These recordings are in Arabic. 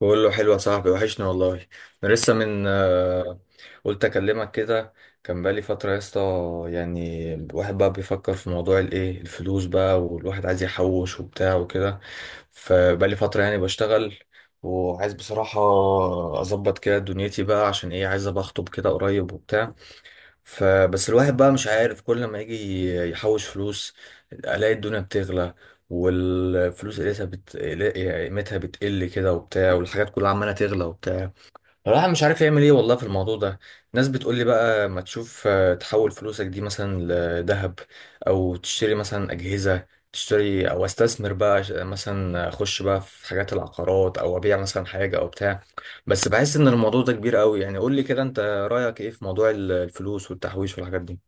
بقول له حلوة يا صاحبي، وحشني والله. انا لسه من آه، قلت اكلمك كده. كان بقالي فترة يا اسطى، يعني الواحد بقى بيفكر في موضوع الايه الفلوس بقى، والواحد عايز يحوش وبتاع وكده. فبقالي فترة يعني بشتغل، وعايز بصراحة اظبط كده دنيتي بقى، عشان ايه، عايز ابقى اخطب كده قريب وبتاع. فبس الواحد بقى مش عارف، كل ما يجي يحوش فلوس الاقي الدنيا بتغلى، والفلوس قيمتها بتقل كده وبتاع، والحاجات كلها عمالة تغلى وبتاع. الواحد مش عارف يعمل ايه والله في الموضوع ده. ناس بتقول لي بقى، ما تشوف تحول فلوسك دي مثلا لذهب، او تشتري مثلا اجهزه، تشتري او استثمر بقى، مثلا اخش بقى في حاجات العقارات، او ابيع مثلا حاجه او بتاع. بس بحس ان الموضوع ده كبير قوي، يعني قول لي كده، انت رايك ايه في موضوع الفلوس والتحويش والحاجات دي؟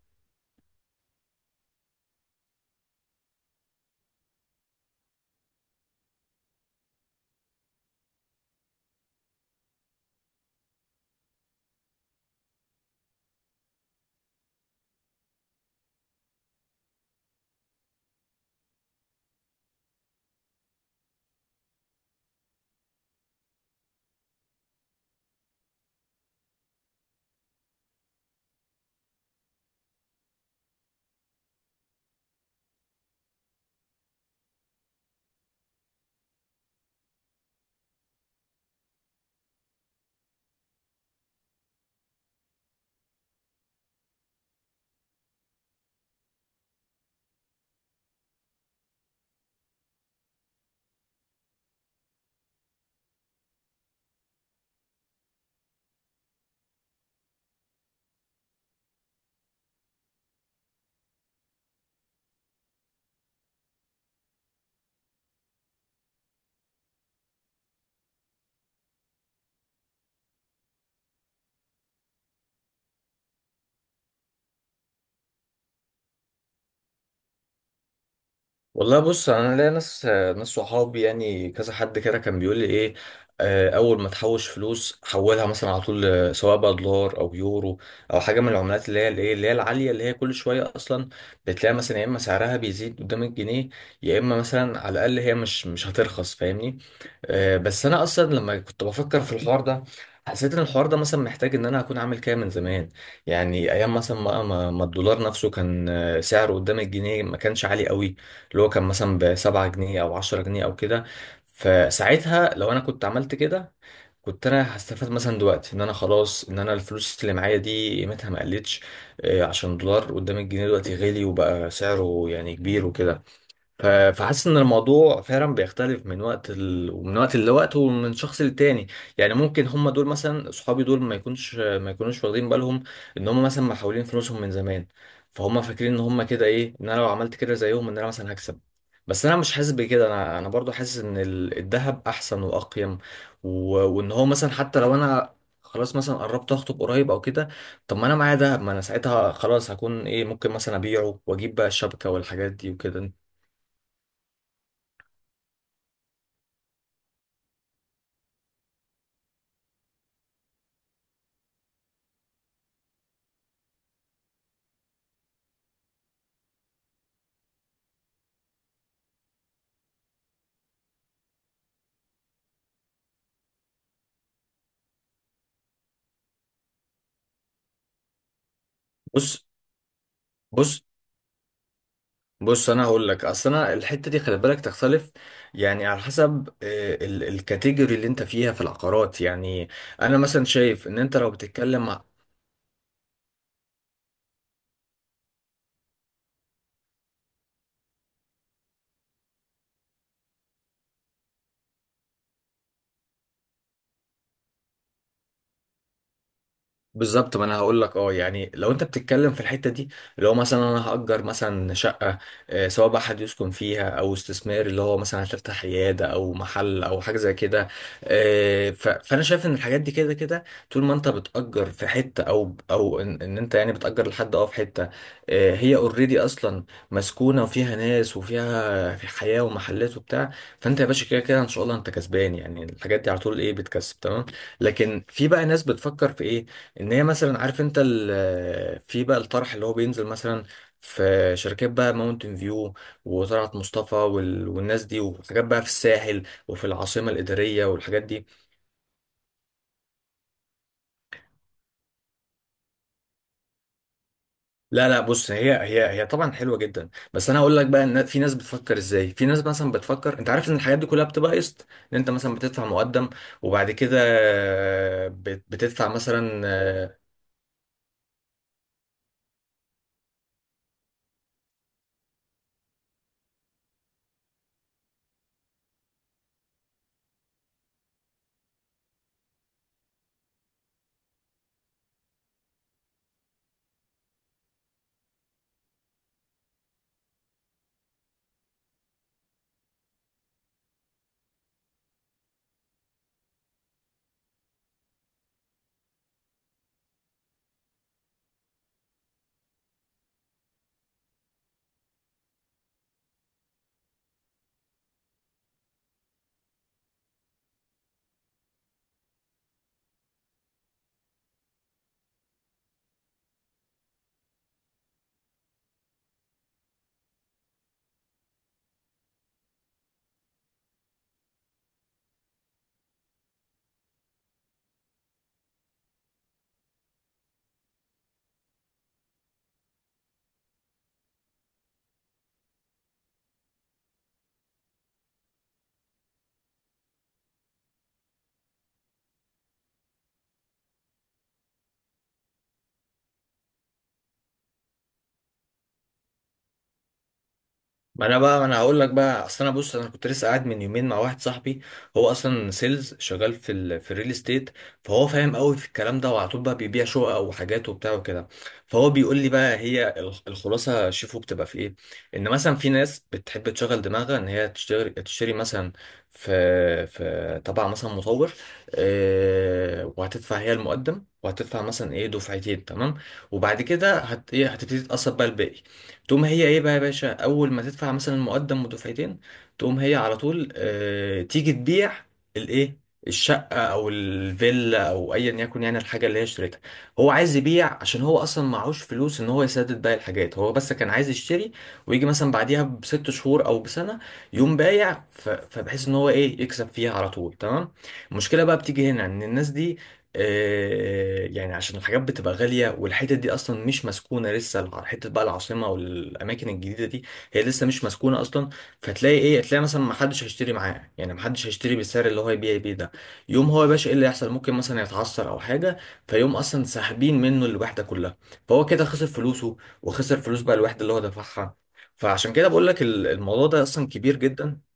والله بص، انا ليا ناس، ناس صحابي يعني، كذا حد كده كان بيقول لي ايه، اول ما تحوش فلوس حولها مثلا على طول، سواء بقى دولار او يورو، او حاجه من العملات اللي هي الايه، اللي هي العاليه، اللي هي كل شويه اصلا بتلاقي مثلا يا اما سعرها بيزيد قدام الجنيه، يا اما مثلا على الاقل هي مش هترخص، فاهمني؟ بس انا اصلا لما كنت بفكر في الحوار ده، حسيت ان الحوار ده مثلا محتاج ان انا اكون عامل كده من زمان. يعني ايام مثلا ما الدولار نفسه كان سعره قدام الجنيه ما كانش عالي قوي، اللي هو كان مثلا بـ7 جنيه أو 10 جنيه أو كده. فساعتها لو أنا كنت عملت كده، كنت أنا هستفاد مثلا دلوقتي إن أنا خلاص، إن أنا الفلوس اللي معايا دي قيمتها ما قلتش، عشان دولار قدام الجنيه دلوقتي غالي، وبقى سعره يعني كبير وكده. فحاسس ان الموضوع فعلا بيختلف من وقت لوقت، ومن شخص للتاني. يعني ممكن هم دول مثلا صحابي دول، ما يكونوش واخدين بالهم ان هم مثلا محولين فلوسهم من زمان، فهم فاكرين ان هم كده ايه، ان انا لو عملت كده زيهم ان انا مثلا هكسب. بس انا مش حاسس بكده، انا برضو حاسس ان الذهب احسن واقيم، و... وان هو مثلا حتى لو انا خلاص مثلا قربت اخطب قريب او كده، طب ما انا معايا دهب، ما انا ساعتها خلاص هكون ايه، ممكن مثلا ابيعه واجيب بقى الشبكه والحاجات دي وكده. بص بص بص، انا هقول لك، اصل انا الحته دي خلي بالك تختلف، يعني على حسب، الكاتيجوري اللي انت فيها في العقارات يعني. انا مثلا شايف ان انت لو بتتكلم، بالظبط. ما انا هقول لك، يعني لو انت بتتكلم في الحته دي، اللي هو مثلا انا هأجر مثلا شقه، سواء بقى حد يسكن فيها او استثمار، اللي هو مثلا هتفتح عياده او محل او حاجه زي كده. فانا شايف ان الحاجات دي كده كده، طول ما انت بتأجر في حته، او إن انت يعني بتأجر لحد في حته، هي اوريدي اصلا مسكونه، وفيها ناس، وفيها في حياه ومحلات وبتاع. فانت يا باشا كده كده ان شاء الله انت كسبان، يعني الحاجات دي على طول ايه، بتكسب تمام. لكن في بقى ناس بتفكر في ايه، ان هي مثلا، عارف انت في بقى الطرح اللي هو بينزل مثلا، في شركات بقى ماونتن فيو وطلعت مصطفى، والناس دي، وحاجات بقى في الساحل وفي العاصمه الاداريه والحاجات دي. لا لا، بص، هي طبعا حلوه جدا، بس انا هقول لك بقى ان في ناس بتفكر ازاي. في ناس مثلا بتفكر، انت عارف ان الحاجات دي كلها بتبقى قسط، ان انت مثلا بتدفع مقدم، وبعد كده بتدفع مثلا. ما انا هقول لك بقى، اصل انا بص، انا كنت لسه قاعد من يومين مع واحد صاحبي، هو اصلا سيلز شغال في الريل استيت، فهو فاهم قوي في الكلام ده، وعلى طول بقى بيبيع شقق وحاجات وبتاع وكده. فهو بيقول لي بقى هي الخلاصه، شوفوا بتبقى في ايه، ان مثلا في ناس بتحب تشغل دماغها ان هي تشتري مثلا في في تبع مثلا مطور، وهتدفع هي المقدم، وهتدفع مثلا ايه دفعتين تمام، وبعد كده هت ايه هتبتدي تقسط بقى الباقي. تقوم هي ايه بقى يا باشا، اول ما تدفع مثلا المقدم ودفعتين، تقوم هي على طول تيجي تبيع الايه الشقه او الفيلا او ايا يكن، يعني الحاجه اللي هي اشتريتها. هو عايز يبيع عشان هو اصلا معهوش فلوس ان هو يسدد باقي الحاجات، هو بس كان عايز يشتري، ويجي مثلا بعديها بـ6 شهور او بسنه يقوم بايع. فبحيث ان هو ايه يكسب فيها على طول تمام. المشكله بقى بتيجي هنا ان الناس دي، يعني عشان الحاجات بتبقى غالية، والحتت دي أصلا مش مسكونة لسه، حتة بقى العاصمة والأماكن الجديدة دي، هي لسه مش مسكونة أصلا، فتلاقي تلاقي مثلا محدش هيشتري معاه، يعني محدش هيشتري بالسعر اللي هو يبيع بيه ده. يوم هو يا باشا إيه اللي يحصل، ممكن مثلا يتعثر أو حاجة، فيقوم أصلا ساحبين منه الوحدة كلها، فهو كده خسر فلوسه، وخسر فلوس بقى الوحدة اللي هو دفعها. فعشان كده بقول لك الموضوع ده أصلا كبير جدا.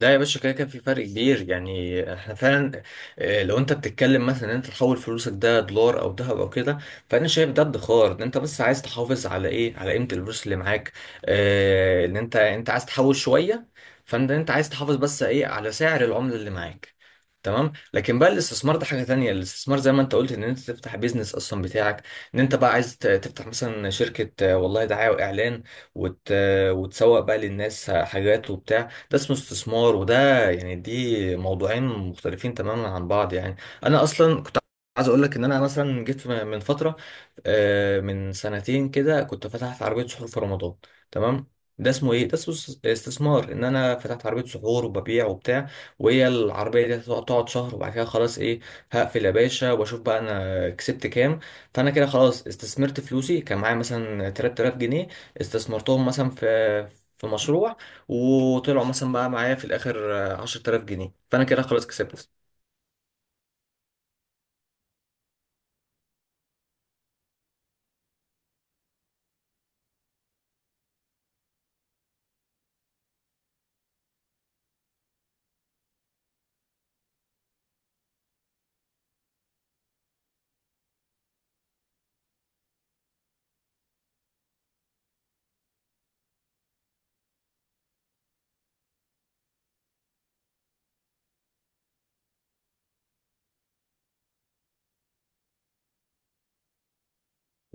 لا يا باشا، كده كان في فرق كبير. يعني احنا فعلا، لو انت بتتكلم مثلا ان انت تحول فلوسك ده دولار او ذهب او كده، فانا شايف ده ادخار، ان انت بس عايز تحافظ على ايه، على قيمة الفلوس اللي معاك. اه ان انت عايز تحول شوية، فانت عايز تحافظ بس ايه، على سعر العملة اللي معاك تمام. لكن بقى الاستثمار ده حاجة تانية، الاستثمار زي ما انت قلت ان انت تفتح بيزنس اصلا بتاعك، ان انت بقى عايز تفتح مثلا شركة، والله دعاية واعلان، وت... وتسوق بقى للناس حاجات وبتاع. ده اسمه استثمار، وده يعني، دي موضوعين مختلفين تماما عن بعض يعني. انا اصلا كنت عايز اقول لك ان انا مثلا جيت من فتره، من سنتين كده كنت فتحت عربيه سحور في رمضان تمام. ده اسمه ايه، ده اسمه استثمار، ان انا فتحت عربيه سحور وببيع وبتاع، وهي العربيه دي تقعد شهر، وبعد كده خلاص هقفل يا باشا، واشوف بقى انا كسبت كام. فانا كده خلاص استثمرت فلوسي، كان معايا مثلا 3000 جنيه استثمرتهم مثلا في مشروع، وطلعوا مثلا بقى معايا في الاخر 10000 جنيه، فانا كده خلاص كسبت.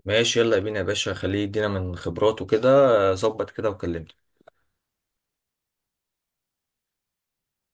ماشي يلا بينا يا باشا، خليه يدينا من خبراته كده. ظبط كده وكلمني.